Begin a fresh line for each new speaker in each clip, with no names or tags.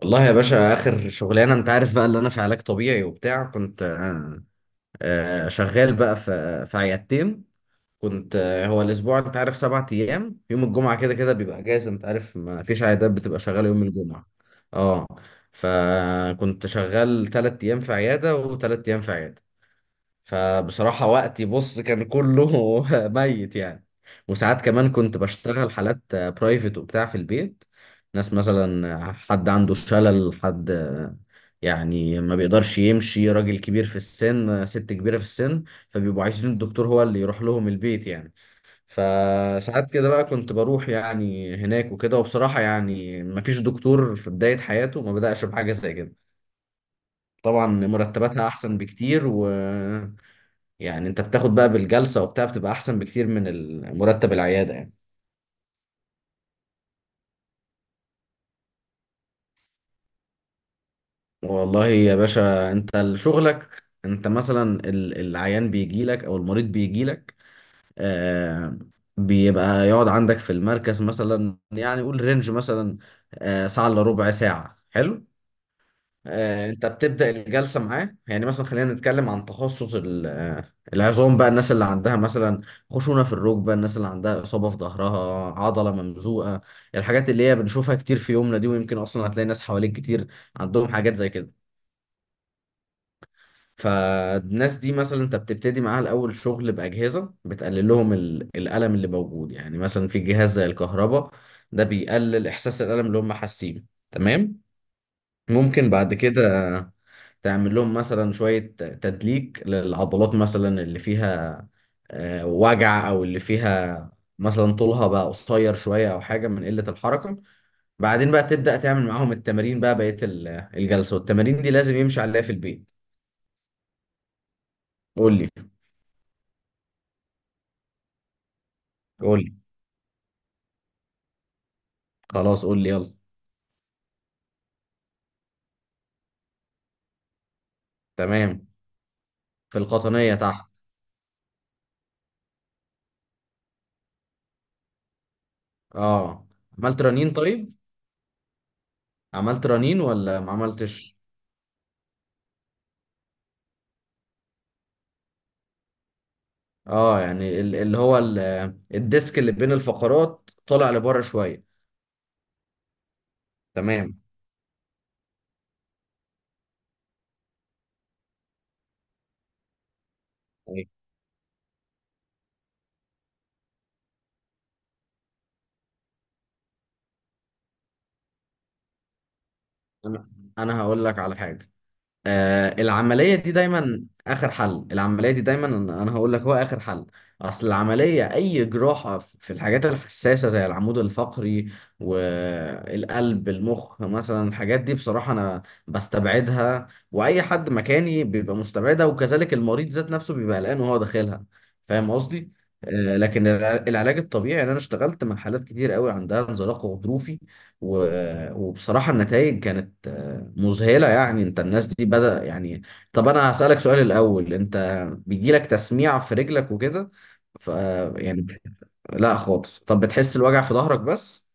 والله يا باشا، اخر شغلانه انت عارف بقى اللي انا في علاج طبيعي وبتاع. كنت شغال بقى في عيادتين. كنت هو الاسبوع انت عارف 7 ايام، يوم الجمعه كده كده بيبقى اجازه، انت عارف ما فيش عيادات بتبقى شغاله يوم الجمعه. اه. فكنت شغال 3 ايام في عياده وثلاث ايام في عياده. فبصراحة وقتي بص كان كله ميت يعني. وساعات كمان كنت بشتغل حالات برايفت وبتاع في البيت. ناس مثلا حد عنده شلل، حد يعني ما بيقدرش يمشي، راجل كبير في السن، ست كبيرة في السن، فبيبقوا عايزين الدكتور هو اللي يروح لهم البيت يعني. فساعات كده بقى كنت بروح يعني هناك وكده. وبصراحة يعني ما فيش دكتور في بداية حياته ما بدأش بحاجة زي كده. طبعا مرتباتها أحسن بكتير، و يعني انت بتاخد بقى بالجلسة وبتاع، بتبقى احسن بكتير من مرتب العيادة يعني. والله يا باشا، انت شغلك انت مثلا العيان بيجي لك او المريض بيجي لك. آه بيبقى يقعد عندك في المركز مثلا يعني، قول رينج مثلا، ساعة الا ربع ساعة، حلو. انت بتبدأ الجلسة معاه يعني، مثلا خلينا نتكلم عن تخصص العظام بقى، الناس اللي عندها مثلا خشونة في الركبة، الناس اللي عندها إصابة في ظهرها، عضلة ممزوقة، الحاجات اللي هي بنشوفها كتير في يومنا دي، ويمكن أصلا هتلاقي ناس حواليك كتير عندهم حاجات زي كده. فالناس دي مثلا انت بتبتدي معاها الأول شغل بأجهزة بتقلل لهم الألم اللي موجود، يعني مثلا في جهاز زي الكهرباء، ده بيقلل إحساس الألم اللي هم حاسينه. تمام. ممكن بعد كده تعمل لهم مثلا شوية تدليك للعضلات مثلا اللي فيها وجع، أو اللي فيها مثلا طولها بقى قصير شوية أو حاجة من قلة الحركة. بعدين بقى تبدأ تعمل معاهم التمارين بقى بقية الجلسة، والتمارين دي لازم يمشي عليها في البيت. قول لي. قول لي. خلاص قول لي يلا. تمام. في القطنية تحت. اه عملت رنين، طيب عملت رنين ولا ما عملتش. اه يعني اللي هو الديسك اللي بين الفقرات طالع لبره شوية. تمام. انا أنا هقول لك على حاجه. العمليه دي دايما اخر حل، العمليه دي دايما، انا هقول لك هو اخر حل. اصل العمليه، اي جراحه في الحاجات الحساسه زي العمود الفقري والقلب، المخ مثلا، الحاجات دي بصراحه انا بستبعدها، واي حد مكاني بيبقى مستبعدها، وكذلك المريض ذات نفسه بيبقى قلقان وهو داخلها. فاهم قصدي؟ لكن العلاج الطبيعي، يعني انا اشتغلت مع حالات كتير قوي عندها انزلاق غضروفي، و- وبصراحه النتائج كانت مذهلة يعني. انت الناس دي بدأ يعني. طب انا هسألك سؤال الأول، انت بيجيلك تسميع في رجلك وكده؟ ف يعني لا خالص، طب بتحس الوجع في ظهرك بس؟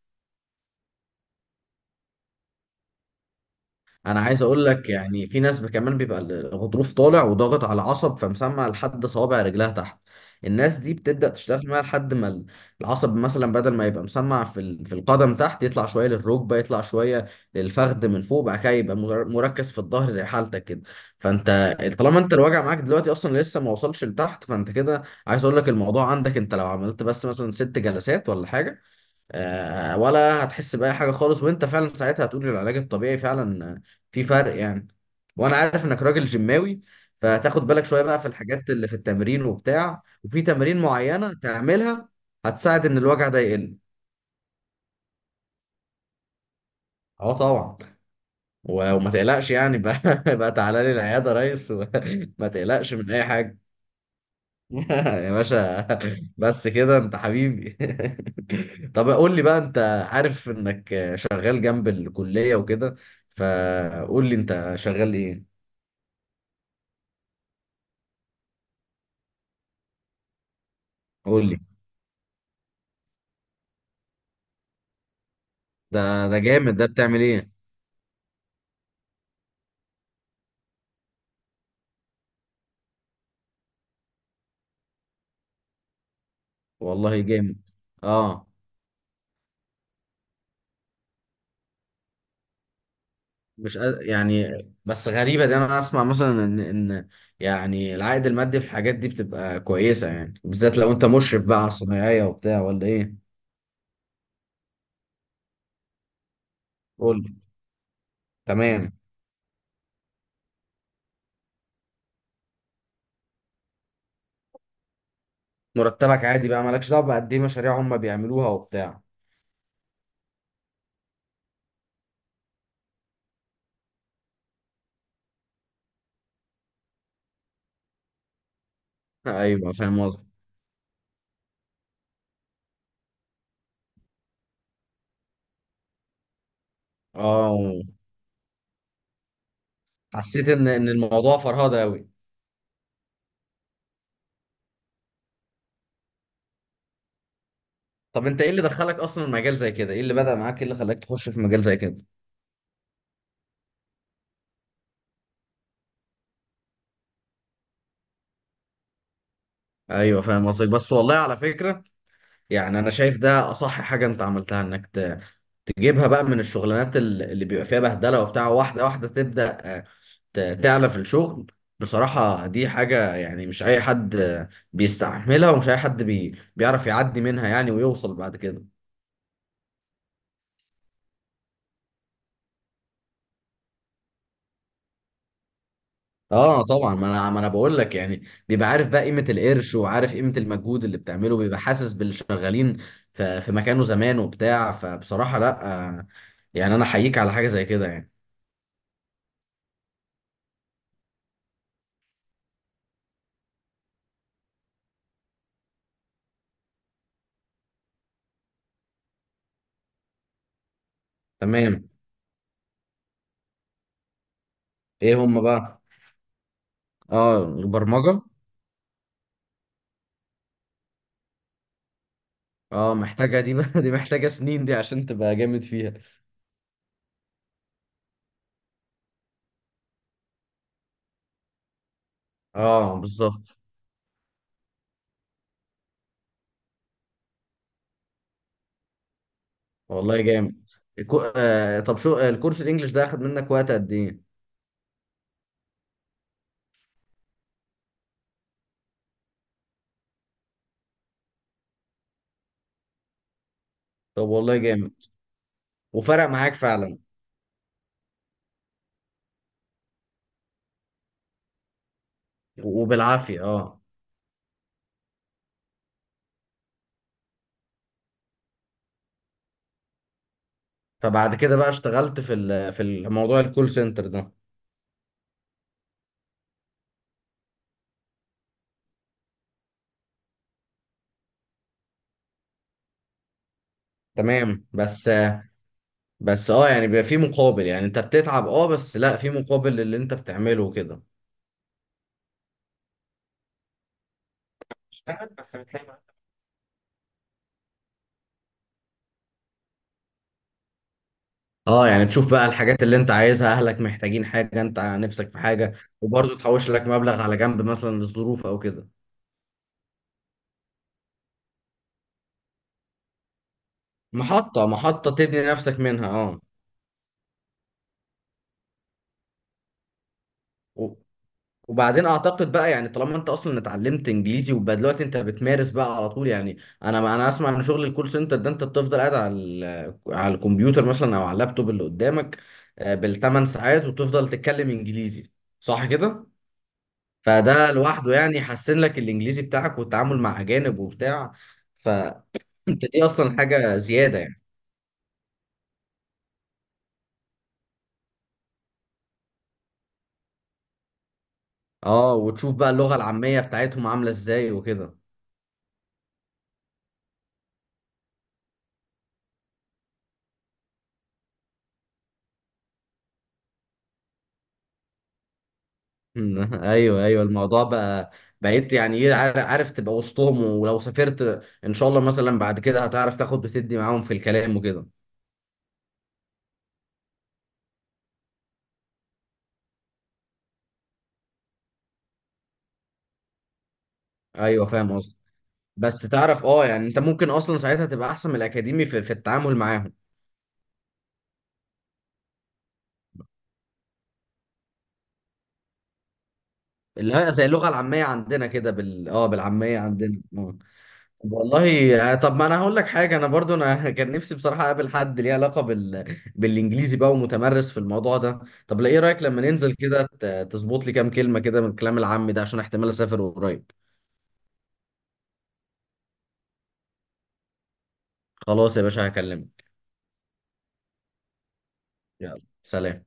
انا عايز اقول لك يعني في ناس كمان بيبقى الغضروف طالع وضاغط على العصب، فمسمع لحد صوابع رجلها تحت. الناس دي بتبدأ تشتغل معاها لحد ما العصب مثلا بدل ما يبقى مسمع في في القدم تحت، يطلع شويه للركبه، يطلع شويه للفخذ من فوق، بعد كده يبقى مركز في الظهر زي حالتك كده. فانت طالما انت الوجع معاك دلوقتي اصلا لسه ما وصلش لتحت، فانت كده عايز اقول لك الموضوع عندك، انت لو عملت بس مثلا 6 جلسات ولا حاجه، ولا هتحس بأي حاجة خالص، وانت فعلا ساعتها هتقول إن العلاج الطبيعي فعلا في فرق يعني. وانا عارف انك راجل جيماوي، فهتاخد بالك شوية بقى في الحاجات اللي في التمرين وبتاع، وفي تمارين معينة تعملها هتساعد ان الوجع ده يقل. اه طبعا. و- وما تقلقش يعني بقى بقى تعالى لي العيادة يا ريس، وما تقلقش من اي حاجة. يا باشا. بس كده انت حبيبي. طب قول لي بقى، انت عارف انك شغال جنب الكلية وكده، فقول لي انت شغال ايه. قول لي. ده جامد، ده بتعمل ايه؟ والله جامد. اه مش قاد- يعني، بس غريبة دي، انا اسمع مثلا ان يعني العائد المادي في الحاجات دي بتبقى كويسة يعني، بالذات لو انت مشرف بقى على الصنايعية وبتاع، ولا ايه؟ قول لي. تمام. مرتبك عادي بقى، مالكش دعوة بقد ايه مشاريع هم بيعملوها وبتاع. ايوه فاهم قصدي. اه حسيت ان الموضوع فرهده قوي. طب انت ايه اللي دخلك اصلا مجال زي كده؟ ايه اللي بدأ معاك؟ ايه اللي خلاك تخش في مجال زي كده؟ ايوه فاهم قصدك، بس والله على فكره يعني انا شايف ده اصح حاجه انت عملتها، انك تجيبها بقى من الشغلانات اللي بيبقى فيها بهدله وبتاع، واحده واحده تبدأ تعلى في الشغل. بصراحه دي حاجه يعني مش اي حد بيستحملها، ومش اي حد بيعرف يعدي منها يعني ويوصل بعد كده. اه طبعا، ما انا بقول لك يعني بيبقى عارف بقى قيمه القرش، وعارف قيمه المجهود اللي بتعمله، بيبقى حاسس باللي شغالين في مكانه زمان وبتاع. فبصراحه لا، آه، يعني انا احييك على حاجه زي كده يعني. تمام. ايه هم بقى؟ اه البرمجه. اه محتاجه دي بقى دي محتاجه سنين دي، عشان تبقى جامد فيها. اه بالظبط. والله جامد. طب شو آه، الكورس الانجليش ده اخد منك وقت قد ايه؟ طب والله جامد. وفرق معاك فعلا. و- وبالعافيه اه. فبعد كده بقى اشتغلت في في الموضوع الكول سنتر ده. تمام. بس اه يعني بيبقى في مقابل، يعني انت بتتعب، اه بس لا في مقابل للي انت بتعمله كده. اشتغل بس بتلاقي. اه يعني تشوف بقى الحاجات اللي انت عايزها، اهلك محتاجين حاجة، انت نفسك في حاجة، وبرضه تحوش لك مبلغ على جنب مثلا للظروف او كده. محطة محطة تبني نفسك منها اه. وبعدين اعتقد بقى يعني طالما انت اصلا اتعلمت انجليزي وبقى دلوقتي انت بتمارس بقى على طول يعني. انا اسمع ان شغل الكول سنتر ده انت بتفضل قاعد على على الكمبيوتر مثلا او على اللابتوب اللي قدامك بال 8 ساعات وتفضل تتكلم انجليزي، صح كده؟ فده لوحده يعني يحسن لك الانجليزي بتاعك والتعامل مع اجانب وبتاع. فانت دي اصلا حاجة زيادة يعني. اه وتشوف بقى اللغة العامية بتاعتهم عاملة ازاي وكده. مم. ايوه، ايوه الموضوع بقى. بقيت يعني ايه عارف تبقى وسطهم، ولو سافرت ان شاء الله مثلا بعد كده هتعرف تاخد وتدي معاهم في الكلام وكده. ايوه فاهم قصدي. بس تعرف اه يعني انت ممكن اصلا ساعتها تبقى احسن من الاكاديمي في التعامل معاهم. اللي هي زي اللغه العاميه عندنا كده، بالعاميه عندنا. والله طب ما انا هقول لك حاجه، انا برضو انا كان نفسي بصراحه اقابل حد ليه علاقه بالانجليزي بقى ومتمرس في الموضوع ده. طب لا، ايه رايك لما ننزل كده تظبط لي كام كلمه كده من الكلام العام ده، عشان احتمال اسافر قريب. خلاص يا باشا هكلمك. يلا سلام.